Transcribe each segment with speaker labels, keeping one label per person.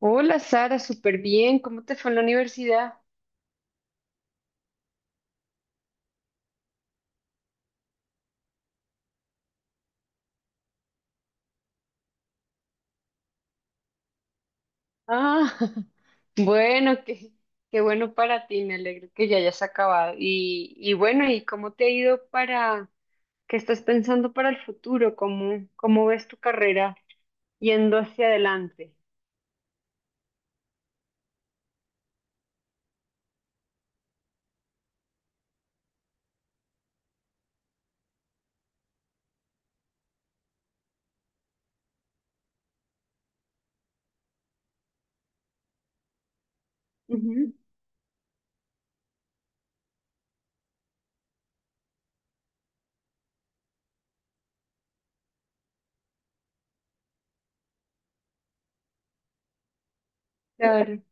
Speaker 1: Hola Sara, súper bien. ¿Cómo te fue en la universidad? Ah, bueno, qué bueno para ti. Me alegro que ya hayas acabado. Y bueno, ¿y cómo te ha ido para, qué estás pensando para el futuro? ¿Cómo ves tu carrera yendo hacia adelante? Ujú, claro.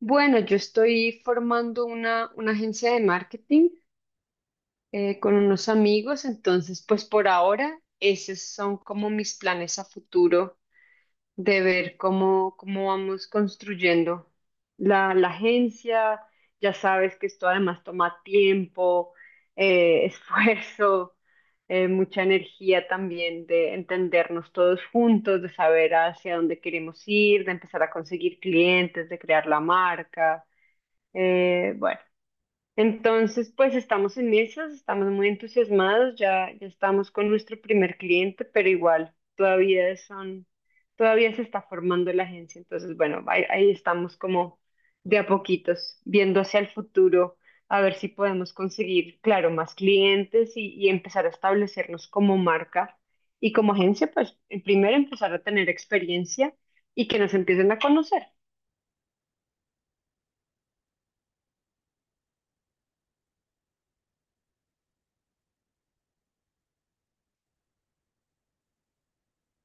Speaker 1: Bueno, yo estoy formando una agencia de marketing, con unos amigos, entonces pues por ahora esos son como mis planes a futuro de ver cómo vamos construyendo la agencia. Ya sabes que esto además toma tiempo, esfuerzo, mucha energía también de entendernos todos juntos, de saber hacia dónde queremos ir, de empezar a conseguir clientes, de crear la marca. Bueno. Entonces, pues estamos en esas, estamos muy entusiasmados, ya estamos con nuestro primer cliente, pero igual todavía se está formando la agencia. Entonces, bueno, ahí estamos como de a poquitos, viendo hacia el futuro, a ver si podemos conseguir, claro, más clientes y empezar a establecernos como marca y como agencia, pues en primero empezar a tener experiencia y que nos empiecen a conocer.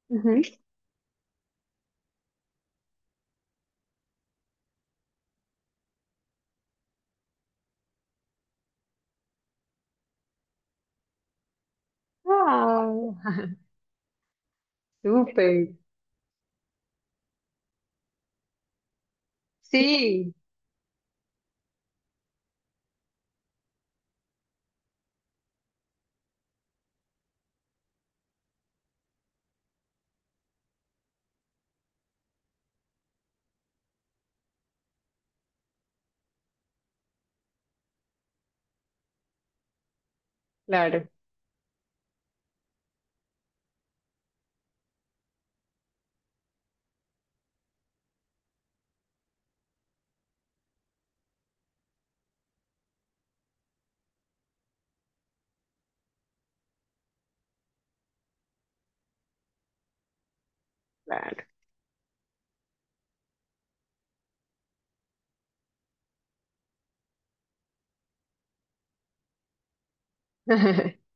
Speaker 1: Ujú. Ah, súper. Sí, claro, claro.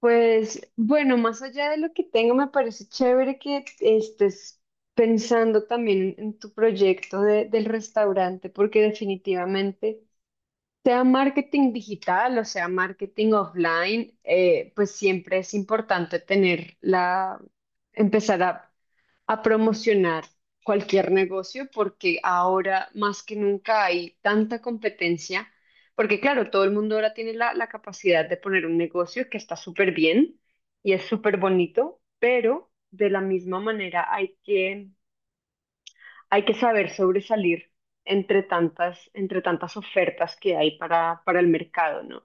Speaker 1: Pues bueno, más allá de lo que tengo, me parece chévere que estés pensando también en tu proyecto del restaurante, porque definitivamente, sea marketing digital o sea marketing offline, pues siempre es importante tener empezar a promocionar cualquier negocio porque ahora más que nunca hay tanta competencia, porque claro, todo el mundo ahora tiene la capacidad de poner un negocio que está súper bien y es súper bonito, pero de la misma manera hay que saber sobresalir entre tantas ofertas que hay para el mercado, ¿no?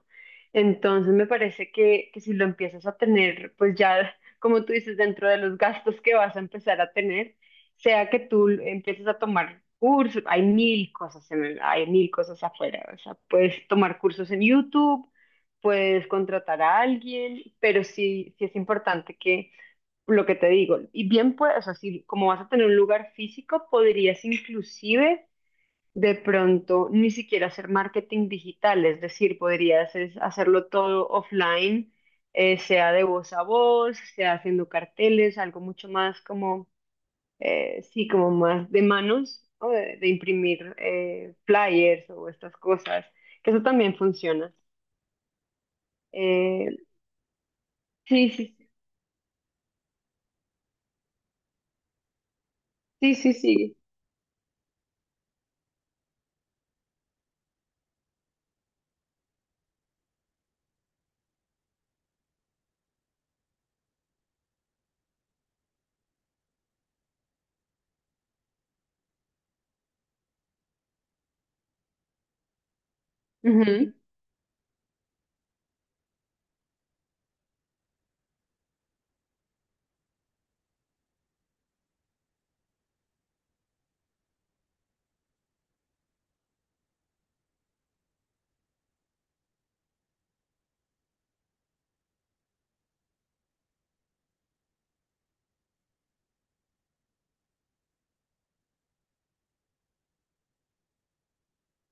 Speaker 1: Entonces me parece que si lo empiezas a tener, pues ya, como tú dices, dentro de los gastos que vas a empezar a tener, sea que tú empieces a tomar cursos, hay mil cosas hay mil cosas afuera, o sea, puedes tomar cursos en YouTube, puedes contratar a alguien, pero sí, sí es importante que lo que te digo, y bien puedes, o sea, si como vas a tener un lugar físico, podrías inclusive de pronto ni siquiera hacer marketing digital, es decir, podrías hacerlo todo offline, sea de voz a voz, sea haciendo carteles, algo mucho más como, sí, como más de manos, o de imprimir flyers o estas cosas, que eso también funciona. Eh, sí, sí, sí, sí, sí. Ujú,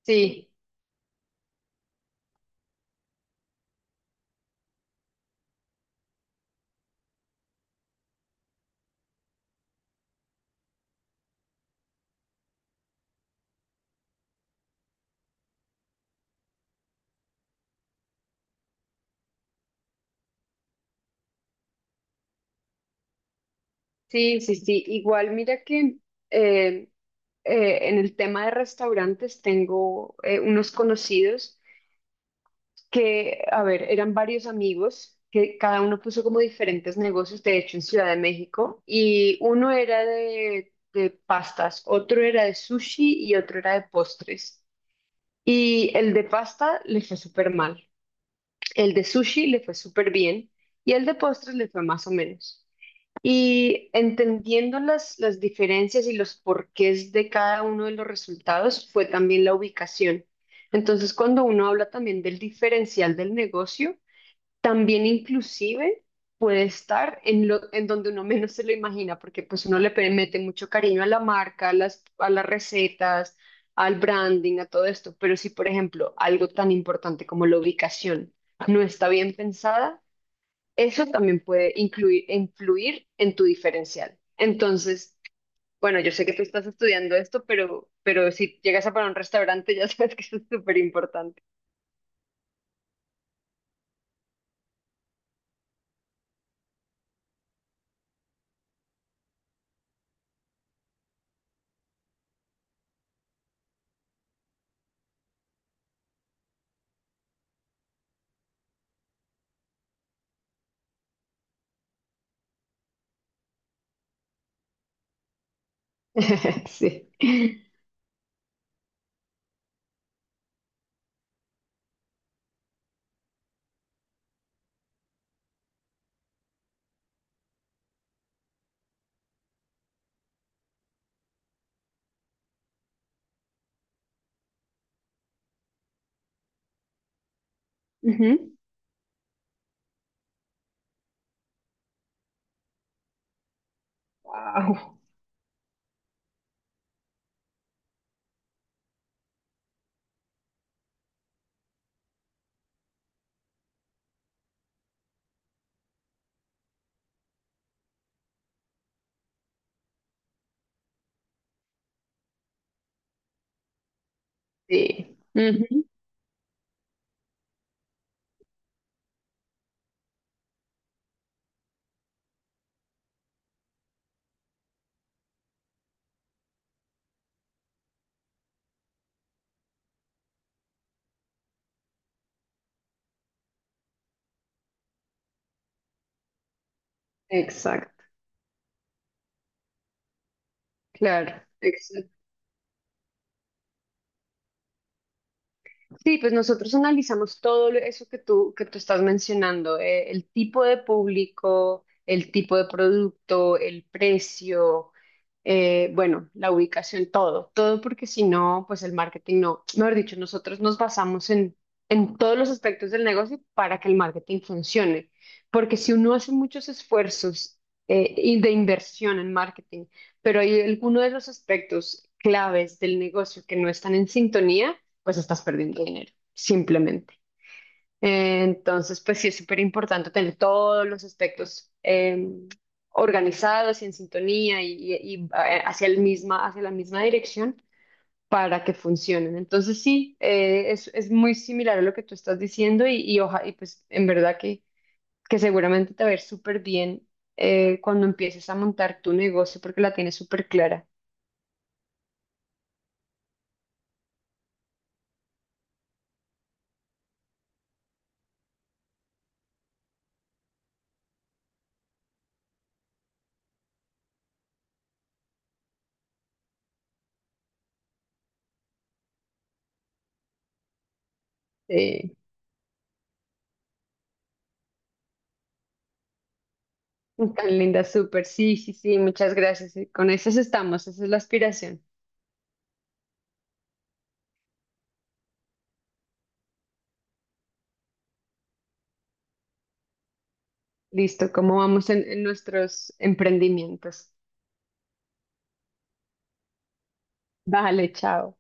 Speaker 1: sí. Sí, sí, sí. Igual, mira que eh, en el tema de restaurantes tengo unos conocidos que, a ver, eran varios amigos que cada uno puso como diferentes negocios, de hecho, en Ciudad de México, y uno era de pastas, otro era de sushi y otro era de postres. Y el de pasta le fue súper mal, el de sushi le fue súper bien y el de postres le fue más o menos. Y entendiendo las diferencias y los porqués de cada uno de los resultados fue también la ubicación. Entonces, cuando uno habla también del diferencial del negocio, también inclusive puede estar en donde uno menos se lo imagina, porque pues uno le mete mucho cariño a la marca, a las recetas, al branding, a todo esto. Pero si, por ejemplo, algo tan importante como la ubicación no está bien pensada, eso también puede influir en tu diferencial. Entonces, bueno, yo sé que tú estás estudiando esto, pero si llegas a para un restaurante, ya sabes que eso es súper importante. Sí. Ujú. Wow. Sí. Ujú. Exacto. Claro. Sí, pues nosotros analizamos todo eso que tú estás mencionando, el tipo de público, el tipo de producto, el precio, bueno, la ubicación, todo, todo porque si no, pues el marketing no, mejor dicho, nosotros nos basamos en todos los aspectos del negocio para que el marketing funcione, porque si uno hace muchos esfuerzos y de inversión en marketing, pero hay algunos de los aspectos claves del negocio que no están en sintonía, pues estás perdiendo dinero, simplemente. Entonces, pues sí es súper importante tener todos los aspectos organizados y en sintonía y, hacia la misma dirección para que funcionen. Entonces, sí, es muy similar a lo que tú estás diciendo y, y pues en verdad que seguramente te va a ir súper bien cuando empieces a montar tu negocio porque la tienes súper clara. Tan linda, súper. Sí, sí, sí, muchas gracias. Y con esas estamos, esa es la aspiración. Listo, ¿cómo vamos en nuestros emprendimientos? Vale, chao.